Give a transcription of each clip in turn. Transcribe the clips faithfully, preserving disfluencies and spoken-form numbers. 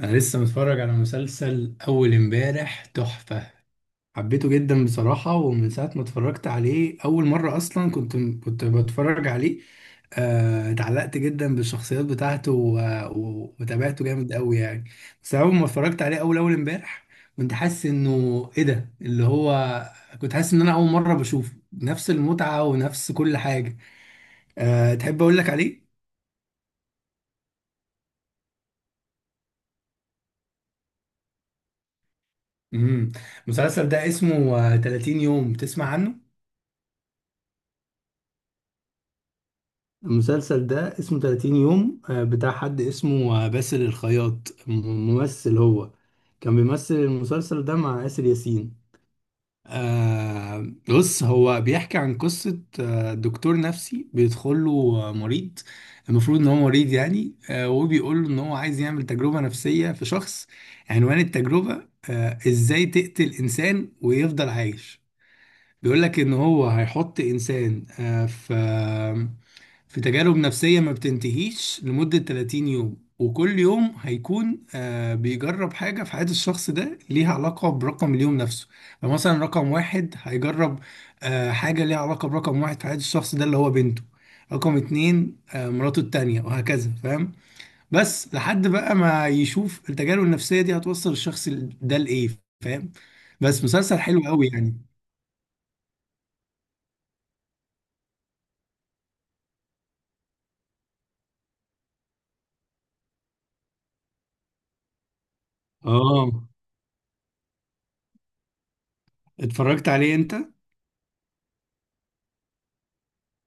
انا لسه متفرج على مسلسل اول امبارح تحفة. حبيته جدا بصراحة، ومن ساعة ما اتفرجت عليه اول مرة اصلا كنت كنت بتفرج عليه. آه، اتعلقت جدا بالشخصيات بتاعته و- و- وتابعته جامد قوي يعني. بس اول ما اتفرجت عليه اول اول امبارح كنت حاسس انه ايه ده اللي هو، كنت حاسس ان انا اول مرة بشوفه نفس المتعة ونفس كل حاجة. أه تحب اقول لك عليه؟ امم المسلسل ده اسمه آه، تلاتين يوم، تسمع عنه؟ المسلسل ده اسمه تلاتين يوم، آه، بتاع حد اسمه آه، باسل الخياط، م- ممثل هو. كان بيمثل المسلسل ده مع آسر ياسين. آه بص، هو بيحكي عن قصة آه، دكتور نفسي بيدخل له آه، مريض. المفروض ان هو مريض يعني، آه وبيقول له ان هو عايز يعمل تجربة نفسية في شخص. عنوان التجربة آه ازاي تقتل انسان ويفضل عايش. بيقول لك ان هو هيحط انسان آه في في تجارب نفسية ما بتنتهيش لمدة تلاتين يوم، وكل يوم هيكون آه، بيجرب حاجة في حياة الشخص ده ليها علاقة برقم اليوم نفسه. فمثلا رقم واحد هيجرب آه، حاجة ليها علاقة برقم واحد في حياة الشخص ده، اللي هو بنته. رقم اتنين آه، مراته التانية، وهكذا، فاهم. بس لحد بقى ما يشوف التجارب النفسية دي هتوصل الشخص ده لإيه، فاهم. بس مسلسل حلو قوي يعني. اه، اتفرجت عليه انت؟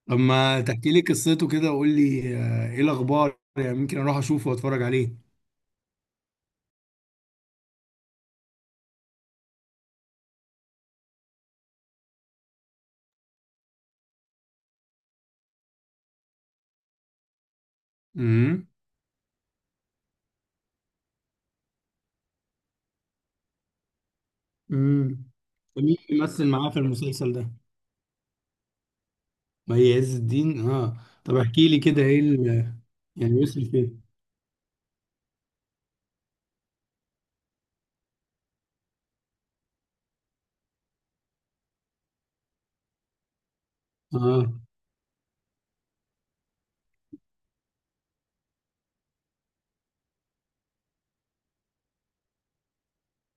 طب ما تحكي لي قصته كده، وقول لي آه، ايه الاخبار يعني، ممكن اروح اشوفه واتفرج عليه. امم امم طب مين اللي مثل معاه في المسلسل ده؟ مي عز الدين، اه. طب احكي لي كده ايه ال- يعني وصل فين؟ اه.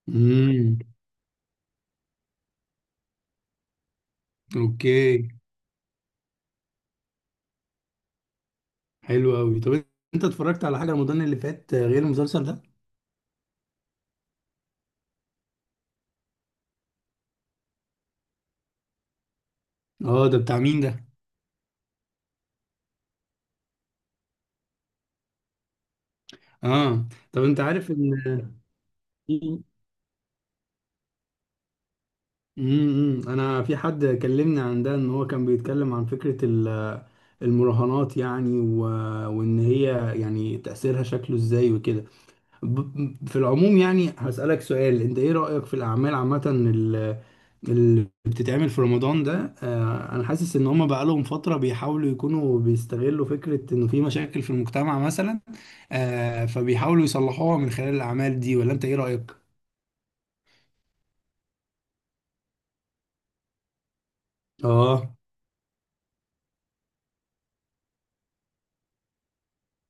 امم اوكي. حلو قوي، طب انت اتفرجت على حاجه رمضان اللي فات آه، غير المسلسل ده؟ اه، ده بتاع مين ده؟ اه، طب انت عارف ان. امم امم. انا في حد كلمني عن ده، ان هو كان بيتكلم عن فكرة ال- المراهنات يعني، و... وان هي يعني تأثيرها شكله ازاي وكده. ب... في العموم يعني هسألك سؤال، انت ايه رأيك في الاعمال عامة ال- اللي بتتعمل في رمضان ده؟ آه، انا حاسس ان هم بقالهم فترة بيحاولوا يكونوا بيستغلوا فكرة انه في مشاكل في المجتمع مثلا، آه، فبيحاولوا يصلحوها من خلال الاعمال دي، ولا انت ايه رأيك؟ اه.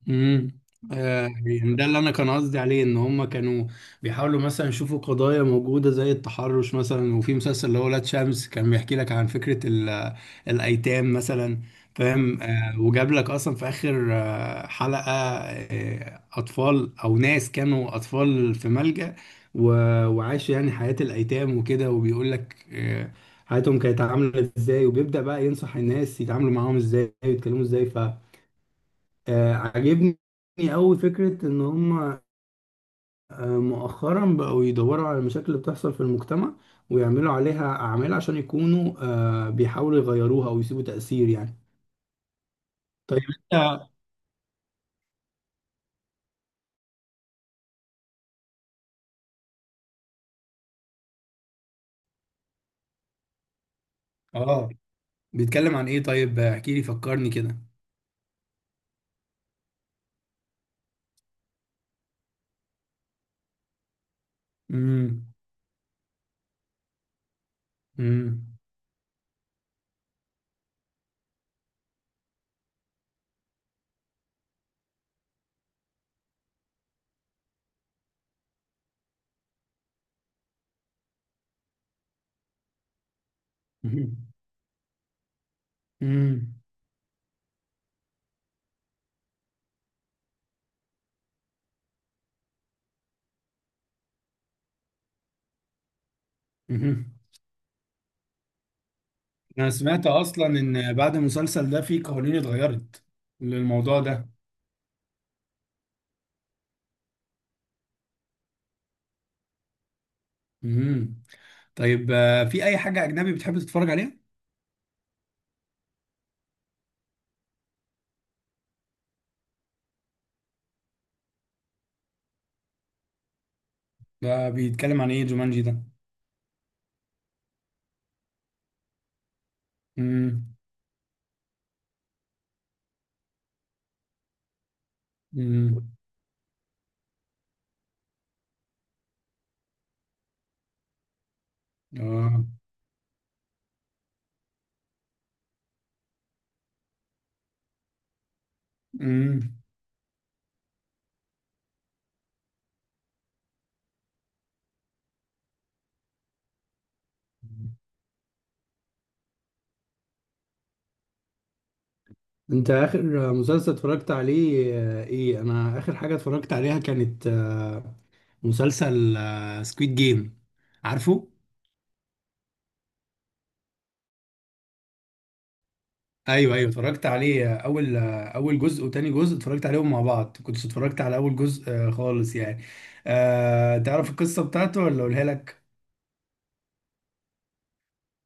امم آه يعني ده اللي انا كان قصدي عليه، ان هم كانوا بيحاولوا مثلا يشوفوا قضايا موجوده زي التحرش مثلا، وفي مسلسل اللي هو ولاد شمس كان بيحكي لك عن فكره ال- الايتام مثلا. فاهم، آه وجاب لك اصلا في اخر آه حلقه آه اطفال او ناس كانوا اطفال في ملجأ، و- وعاشوا يعني حياه الايتام وكده، وبيقول لك آه حياتهم كانت عامله ازاي، وبيبدأ بقى ينصح الناس يتعاملوا معاهم ازاي ويتكلموا ازاي. آه، عاجبني أوي فكرة إن هما آه، مؤخرا بقوا يدوروا على المشاكل اللي بتحصل في المجتمع، ويعملوا عليها أعمال عشان يكونوا آه، بيحاولوا يغيروها أو يسيبوا تأثير يعني. طيب أنت. آه بيتكلم عن إيه طيب، آه، احكي لي فكرني كده. امم امم امم امم أنا سمعت أصلا إن بعد المسلسل ده في قوانين اتغيرت للموضوع ده. امم طيب آه، في أي حاجة أجنبي بتحب تتفرج عليها؟ ده بيتكلم عن ايه جومانجي ده؟ امم امم اه. امم انت اخر مسلسل اتفرجت عليه آه، ايه؟ انا اخر حاجة اتفرجت عليها كانت آه، مسلسل سكويد جيم، عارفه. ايوه، ايوه، اتفرجت عليه. آه، اول آه، اول جزء وتاني جزء اتفرجت عليهم مع بعض، كنت اتفرجت على اول جزء آه، خالص يعني. أه تعرف القصة بتاعته ولا اقولها لك؟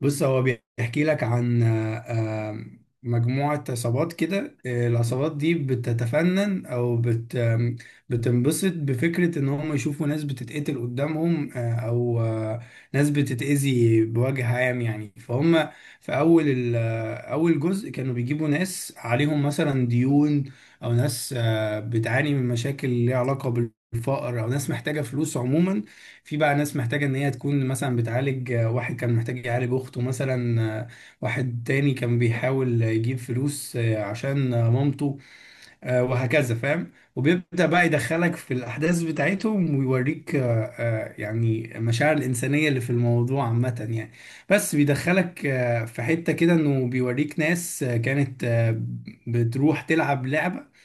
بص، هو بيحكي لك عن آه، آه، مجموعة عصابات كده. آه، العصابات دي بتتفنن أو بت آم، بتنبسط بفكرة إن هم يشوفوا ناس بتتقتل قدامهم، آه، أو آه، ناس بتتأذي بوجه عام يعني، فهم في أول ال- آه، أول جزء كانوا بيجيبوا ناس عليهم مثلا ديون، أو ناس آه، بتعاني من مشاكل ليها علاقة بالفقر، أو ناس محتاجة فلوس عموما. في بقى ناس محتاجة إن هي تكون مثلا بتعالج، آه، واحد كان محتاج يعالج أخته مثلا، آه، واحد تاني كان بيحاول يجيب فلوس آه، عشان مامته، آه، وهكذا، فاهم. وبيبدأ بقى يدخلك في الأحداث بتاعتهم ويوريك آه، آه، يعني المشاعر الإنسانية اللي في الموضوع عامة يعني. بس بيدخلك آه، في حتة كده، إنه بيوريك ناس آه، كانت آه، بتروح تلعب لعبة،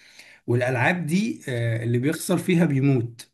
والالعاب دي آه، اللي بيخسر فيها بيموت،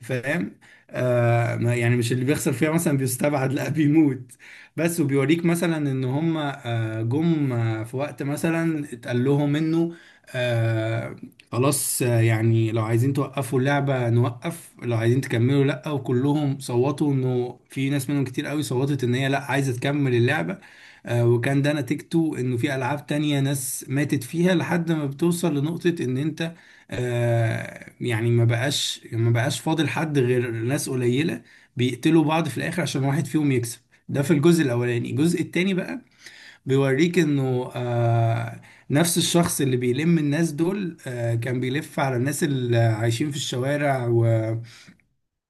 فاهم. آه ما- يعني مش اللي بيخسر فيها مثلا بيستبعد، لا، بيموت بس. وبيوريك مثلا ان هم آه، جم آه، في وقت مثلا اتقال لهم انه آه خلاص، آه، يعني لو عايزين توقفوا اللعبة نوقف، لو عايزين تكملوا لا، وكلهم صوتوا انه في ناس منهم كتير قوي صوتت ان هي لا عايزة تكمل اللعبة. آه، وكان ده نتيجته انه في العاب تانية ناس ماتت فيها لحد ما بتوصل لنقطة ان انت آه يعني ما بقاش ما بقاش فاضل حد غير ناس قليلة بيقتلوا بعض في الآخر عشان واحد فيهم يكسب. ده في الجزء الأولاني. الجزء التاني بقى بيوريك إنه آه نفس الشخص اللي بيلم الناس دول آه كان بيلف على الناس اللي عايشين في الشوارع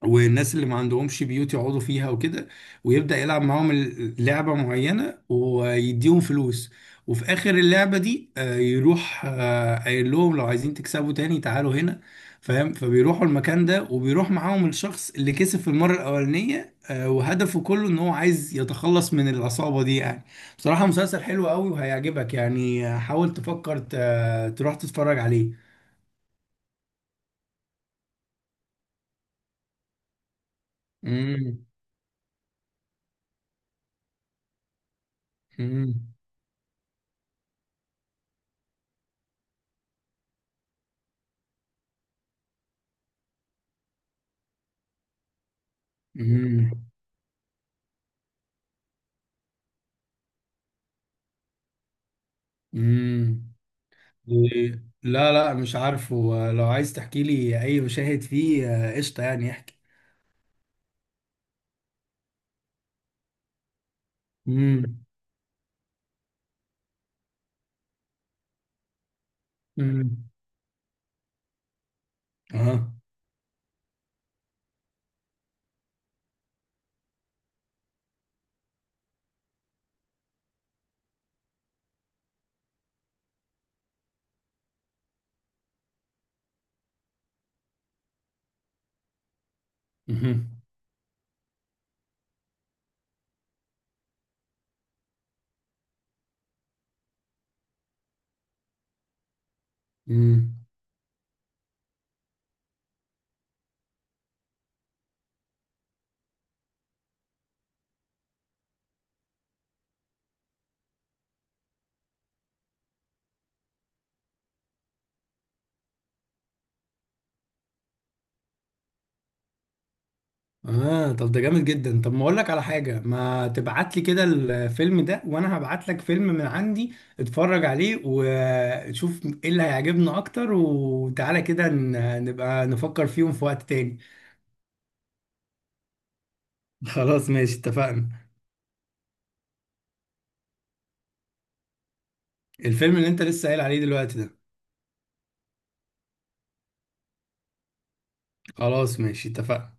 والناس اللي ما عندهمش بيوت يقعدوا فيها وكده، ويبدأ يلعب معاهم ال- لعبة معينة ويديهم فلوس. وفي آخر اللعبة دي آه، يروح آه، قايل لهم لو عايزين تكسبوا تاني تعالوا هنا، فاهم. فبيروحوا المكان ده، وبيروح معاهم الشخص اللي كسب في المرة الأولانية، آه، وهدفه كله إن هو عايز يتخلص من العصابة دي يعني. بصراحة مسلسل حلو قوي وهيعجبك يعني. آه، حاول تفكر ت- تروح تتفرج عليه. امم امم امم امم. إيه. لا، لا، مش عارفه. آه، لو عايز تحكي لي اي مشاهد فيه آه، قشطه، يعني احكي. امم امم اه. امم امم اه، طب ده جامد جدا. طب ما اقول لك على حاجه، ما تبعت لي كده الفيلم ده وانا هبعت لك فيلم من عندي، اتفرج عليه وشوف ايه اللي هيعجبنا اكتر، وتعالى كده ن- نبقى نفكر فيهم في وقت تاني. خلاص ماشي اتفقنا. الفيلم اللي انت لسه قايل عليه دلوقتي ده. خلاص ماشي اتفقنا.